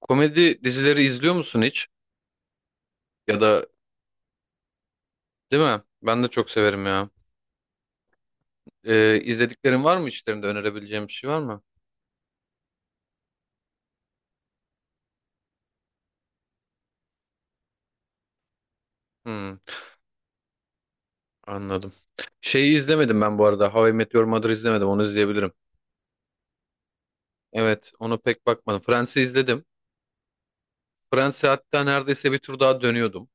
Komedi dizileri izliyor musun hiç? Ya da değil mi? Ben de çok severim ya. İzlediklerin var mı, içlerinde önerebileceğim bir şey var mı? Hmm, anladım. Şeyi izlemedim ben bu arada. How I Met Your Mother izlemedim. Onu izleyebilirim. Evet, onu pek bakmadım. Friends'i izledim. Friends'i hatta neredeyse bir tur daha dönüyordum.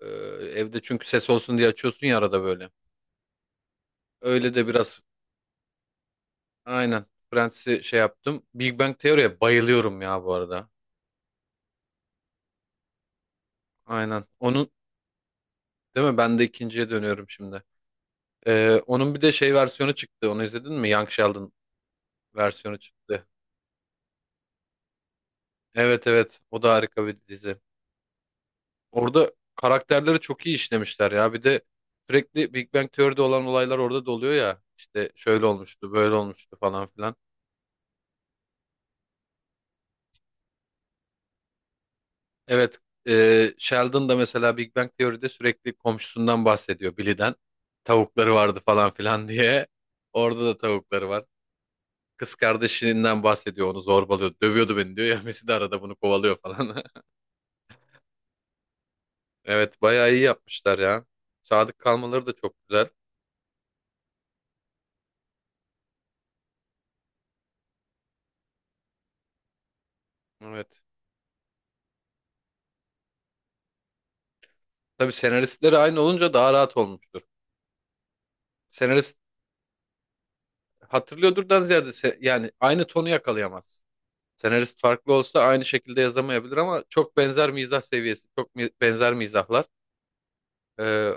Ee, Evde çünkü ses olsun diye açıyorsun ya arada böyle. Öyle de biraz aynen. Friends'i şey yaptım. Big Bang Theory'ye bayılıyorum ya bu arada. Aynen. Onun değil mi? Ben de ikinciye dönüyorum şimdi. Onun bir de şey versiyonu çıktı. Onu izledin mi? Young Sheldon versiyonu çıktı. Evet, evet. O da harika bir dizi. Orada karakterleri çok iyi işlemişler ya. Bir de sürekli Big Bang Theory'de olan olaylar orada da oluyor ya. İşte şöyle olmuştu, böyle olmuştu falan filan. Evet. E, Sheldon da mesela Big Bang Theory'de sürekli komşusundan bahsediyor. Billy'den. Tavukları vardı falan filan diye. Orada da tavukları var. Kız kardeşinden bahsediyor. Onu zorbalıyor. Dövüyordu beni diyor ya. Messi de arada bunu kovalıyor falan. Evet, bayağı iyi yapmışlar ya. Sadık kalmaları da çok güzel. Evet. Tabii senaristleri aynı olunca daha rahat olmuştur. Senarist hatırlıyordurdan ziyade yani aynı tonu yakalayamaz. Senarist farklı olsa aynı şekilde yazamayabilir ama çok benzer mizah seviyesi, çok benzer mizahlar. Ee,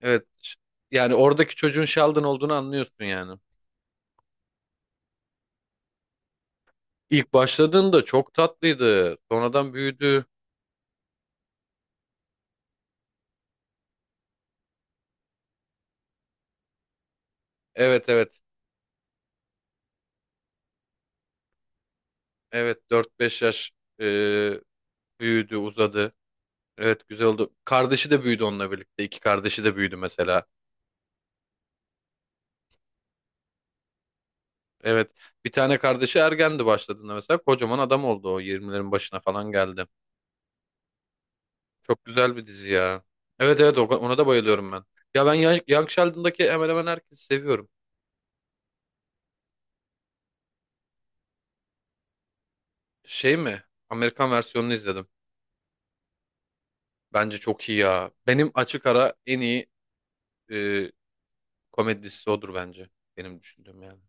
evet ş- Yani oradaki çocuğun Sheldon olduğunu anlıyorsun yani. İlk başladığında çok tatlıydı. Sonradan büyüdü. Evet, evet, evet, dört beş yaş, e, büyüdü, uzadı. Evet, güzel oldu. Kardeşi de büyüdü onunla birlikte. İki kardeşi de büyüdü mesela. Evet. Bir tane kardeşi ergendi başladığında mesela. Kocaman adam oldu o. Yirmilerin başına falan geldi. Çok güzel bir dizi ya. Evet, evet ona da bayılıyorum ben. Ya ben Young Sheldon'daki hemen hemen herkesi seviyorum. Şey mi? Amerikan versiyonunu izledim. Bence çok iyi ya. Benim açık ara en iyi e, komedi dizisi odur bence. Benim düşündüğüm yani.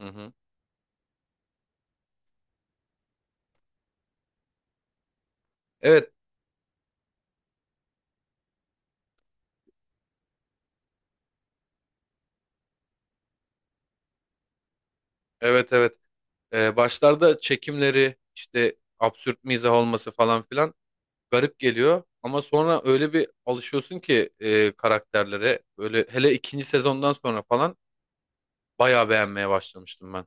Hı hı. Evet, evet, evet. Başlarda çekimleri işte absürt mizah olması falan filan garip geliyor ama sonra öyle bir alışıyorsun ki karakterlere, böyle hele ikinci sezondan sonra falan bayağı beğenmeye başlamıştım ben.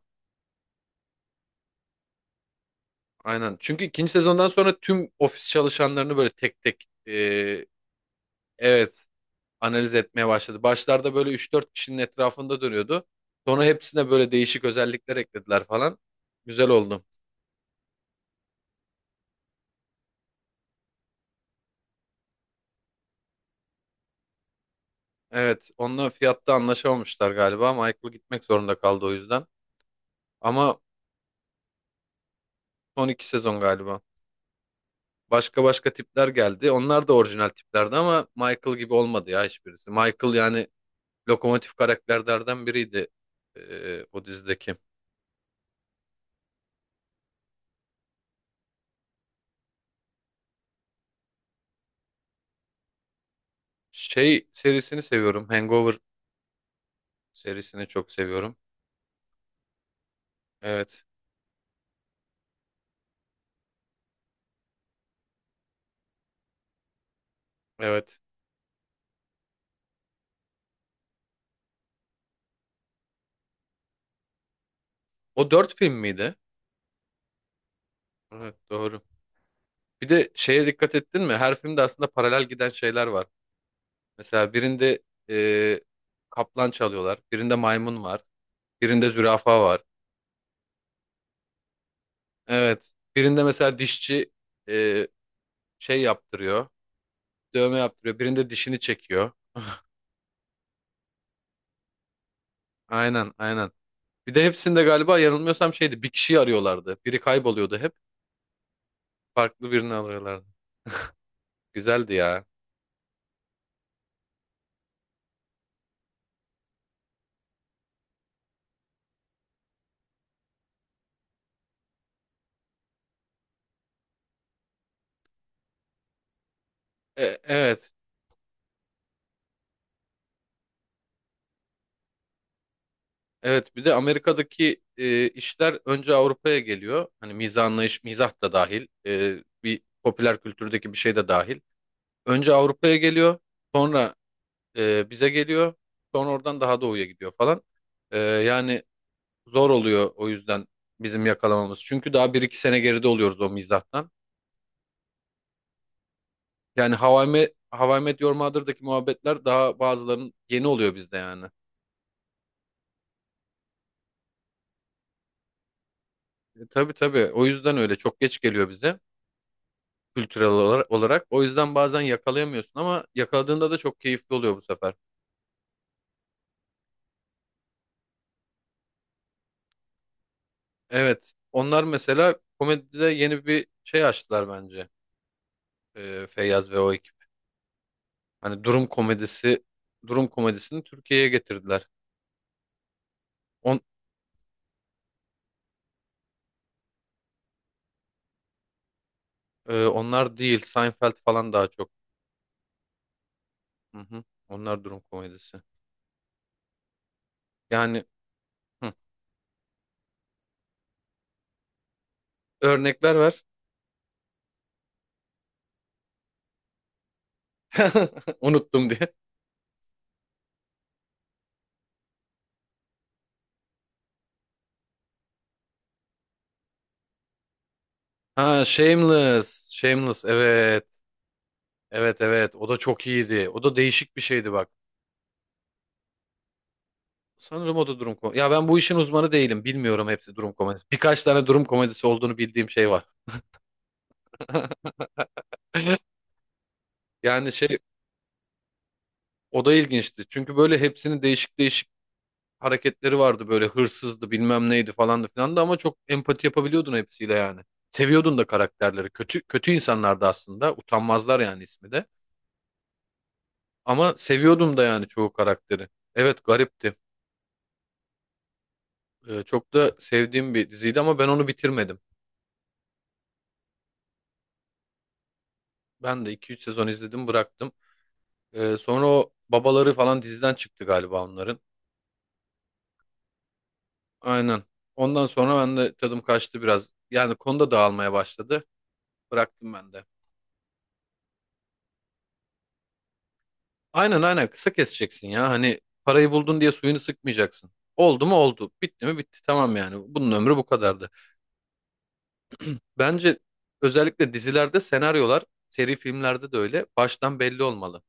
Aynen. Çünkü ikinci sezondan sonra tüm ofis çalışanlarını böyle tek tek evet, analiz etmeye başladı. Başlarda böyle üç dört kişinin etrafında dönüyordu. Sonra hepsine böyle değişik özellikler eklediler falan. Güzel oldu. Evet, onunla fiyatta anlaşamamışlar galiba. Michael gitmek zorunda kaldı o yüzden. Ama son iki sezon galiba. Başka başka tipler geldi. Onlar da orijinal tiplerdi ama Michael gibi olmadı ya hiçbirisi. Michael yani lokomotif karakterlerden biriydi o dizideki. Şey serisini seviyorum. Hangover serisini çok seviyorum. Evet. Evet. O dört film miydi? Evet, doğru. Bir de şeye dikkat ettin mi? Her filmde aslında paralel giden şeyler var. Mesela birinde e, kaplan çalıyorlar. Birinde maymun var. Birinde zürafa var. Evet. Birinde mesela dişçi e, şey yaptırıyor. Dövme yaptırıyor. Birinde dişini çekiyor. Aynen, aynen. Bir de hepsinde galiba, yanılmıyorsam şeydi, bir kişiyi arıyorlardı. Biri kayboluyordu hep. Farklı birini arıyorlardı. Güzeldi ya. E, evet. Evet, bir de Amerika'daki işler önce Avrupa'ya geliyor. Hani mizah anlayış, mizah da dahil. Bir popüler kültürdeki bir şey de dahil. Önce Avrupa'ya geliyor. Sonra bize geliyor. Sonra oradan daha doğuya gidiyor falan. E, yani zor oluyor o yüzden bizim yakalamamız. Çünkü daha bir iki sene geride oluyoruz o mizahtan. Yani How I Met Your Mother'daki muhabbetler daha, bazılarının yeni oluyor bizde yani. E, tabii tabii, o yüzden öyle çok geç geliyor bize kültürel olarak. O yüzden bazen yakalayamıyorsun ama yakaladığında da çok keyifli oluyor bu sefer. Evet, onlar mesela komedide yeni bir şey açtılar bence, Feyyaz ve o ekip. Hani durum komedisi, durum komedisini Türkiye'ye getirdiler. On, Onlar değil, Seinfeld falan daha çok. Hı hı. Onlar durum komedisi. Yani hı. Örnekler ver. Unuttum diye. Ha, Shameless. Shameless. Evet. Evet, evet. O da çok iyiydi. O da değişik bir şeydi bak. Sanırım o da durum komedisi. Ya ben bu işin uzmanı değilim. Bilmiyorum, hepsi durum komedisi. Birkaç tane durum komedisi olduğunu bildiğim şey var. Yani şey, o da ilginçti. Çünkü böyle hepsini değişik değişik hareketleri vardı, böyle hırsızdı bilmem neydi falan da filan da, ama çok empati yapabiliyordun hepsiyle yani. Seviyordun da karakterleri. Kötü kötü insanlardı aslında. Utanmazlar yani ismi de. Ama seviyordum da yani çoğu karakteri. Evet, garipti. Çok da sevdiğim bir diziydi ama ben onu bitirmedim. Ben de iki üç sezon izledim, bıraktım. Sonra o babaları falan diziden çıktı galiba onların. Aynen. Ondan sonra ben de tadım kaçtı biraz. Yani konuda dağılmaya başladı. Bıraktım ben de. Aynen, aynen, kısa keseceksin ya. Hani parayı buldun diye suyunu sıkmayacaksın. Oldu mu oldu. Bitti mi bitti. Tamam yani. Bunun ömrü bu kadardı. Bence özellikle dizilerde senaryolar, seri filmlerde de öyle, baştan belli olmalı.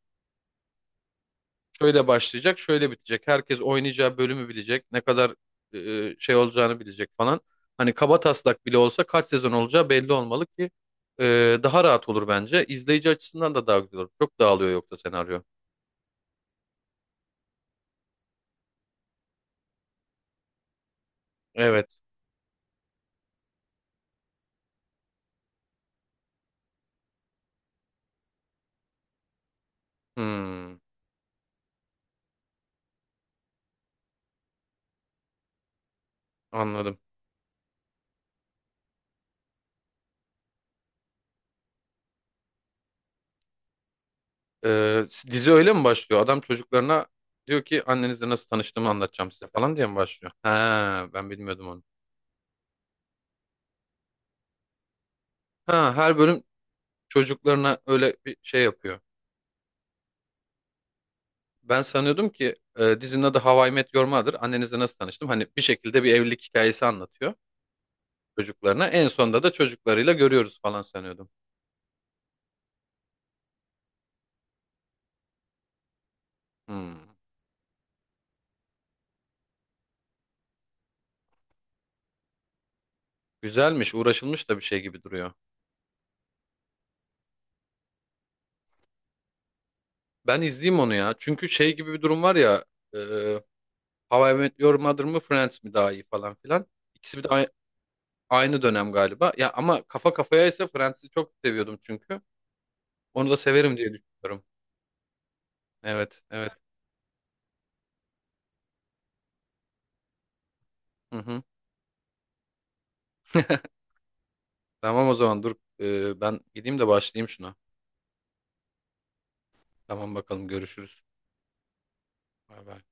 Şöyle başlayacak, şöyle bitecek. Herkes oynayacağı bölümü bilecek. Ne kadar şey olacağını bilecek falan. Hani kaba taslak bile olsa kaç sezon olacağı belli olmalı ki daha rahat olur bence. İzleyici açısından da daha güzel olur. Çok dağılıyor yoksa senaryo. Evet. Hmm, anladım. Dizi öyle mi başlıyor? Adam çocuklarına diyor ki annenizle nasıl tanıştığımı anlatacağım size falan diye mi başlıyor? Ha, ben bilmiyordum onu. Ha, her bölüm çocuklarına öyle bir şey yapıyor. Ben sanıyordum ki dizinin adı How I Met Your Mother. Annenizle nasıl tanıştım? Hani bir şekilde bir evlilik hikayesi anlatıyor çocuklarına. En sonunda da çocuklarıyla görüyoruz falan sanıyordum. Hmm. Güzelmiş, uğraşılmış da bir şey gibi duruyor. Ben izleyeyim onu ya. Çünkü şey gibi bir durum var ya. E, How I Met Your Mother mı Friends mi daha iyi falan filan. İkisi bir de aynı, aynı dönem galiba. Ya ama kafa kafaya ise Friends'i çok seviyordum çünkü. Onu da severim diye düşünüyorum. Evet, evet. Hı hı. Tamam, o zaman dur. Ben gideyim de başlayayım şuna. Tamam, bakalım, görüşürüz. Bay bay.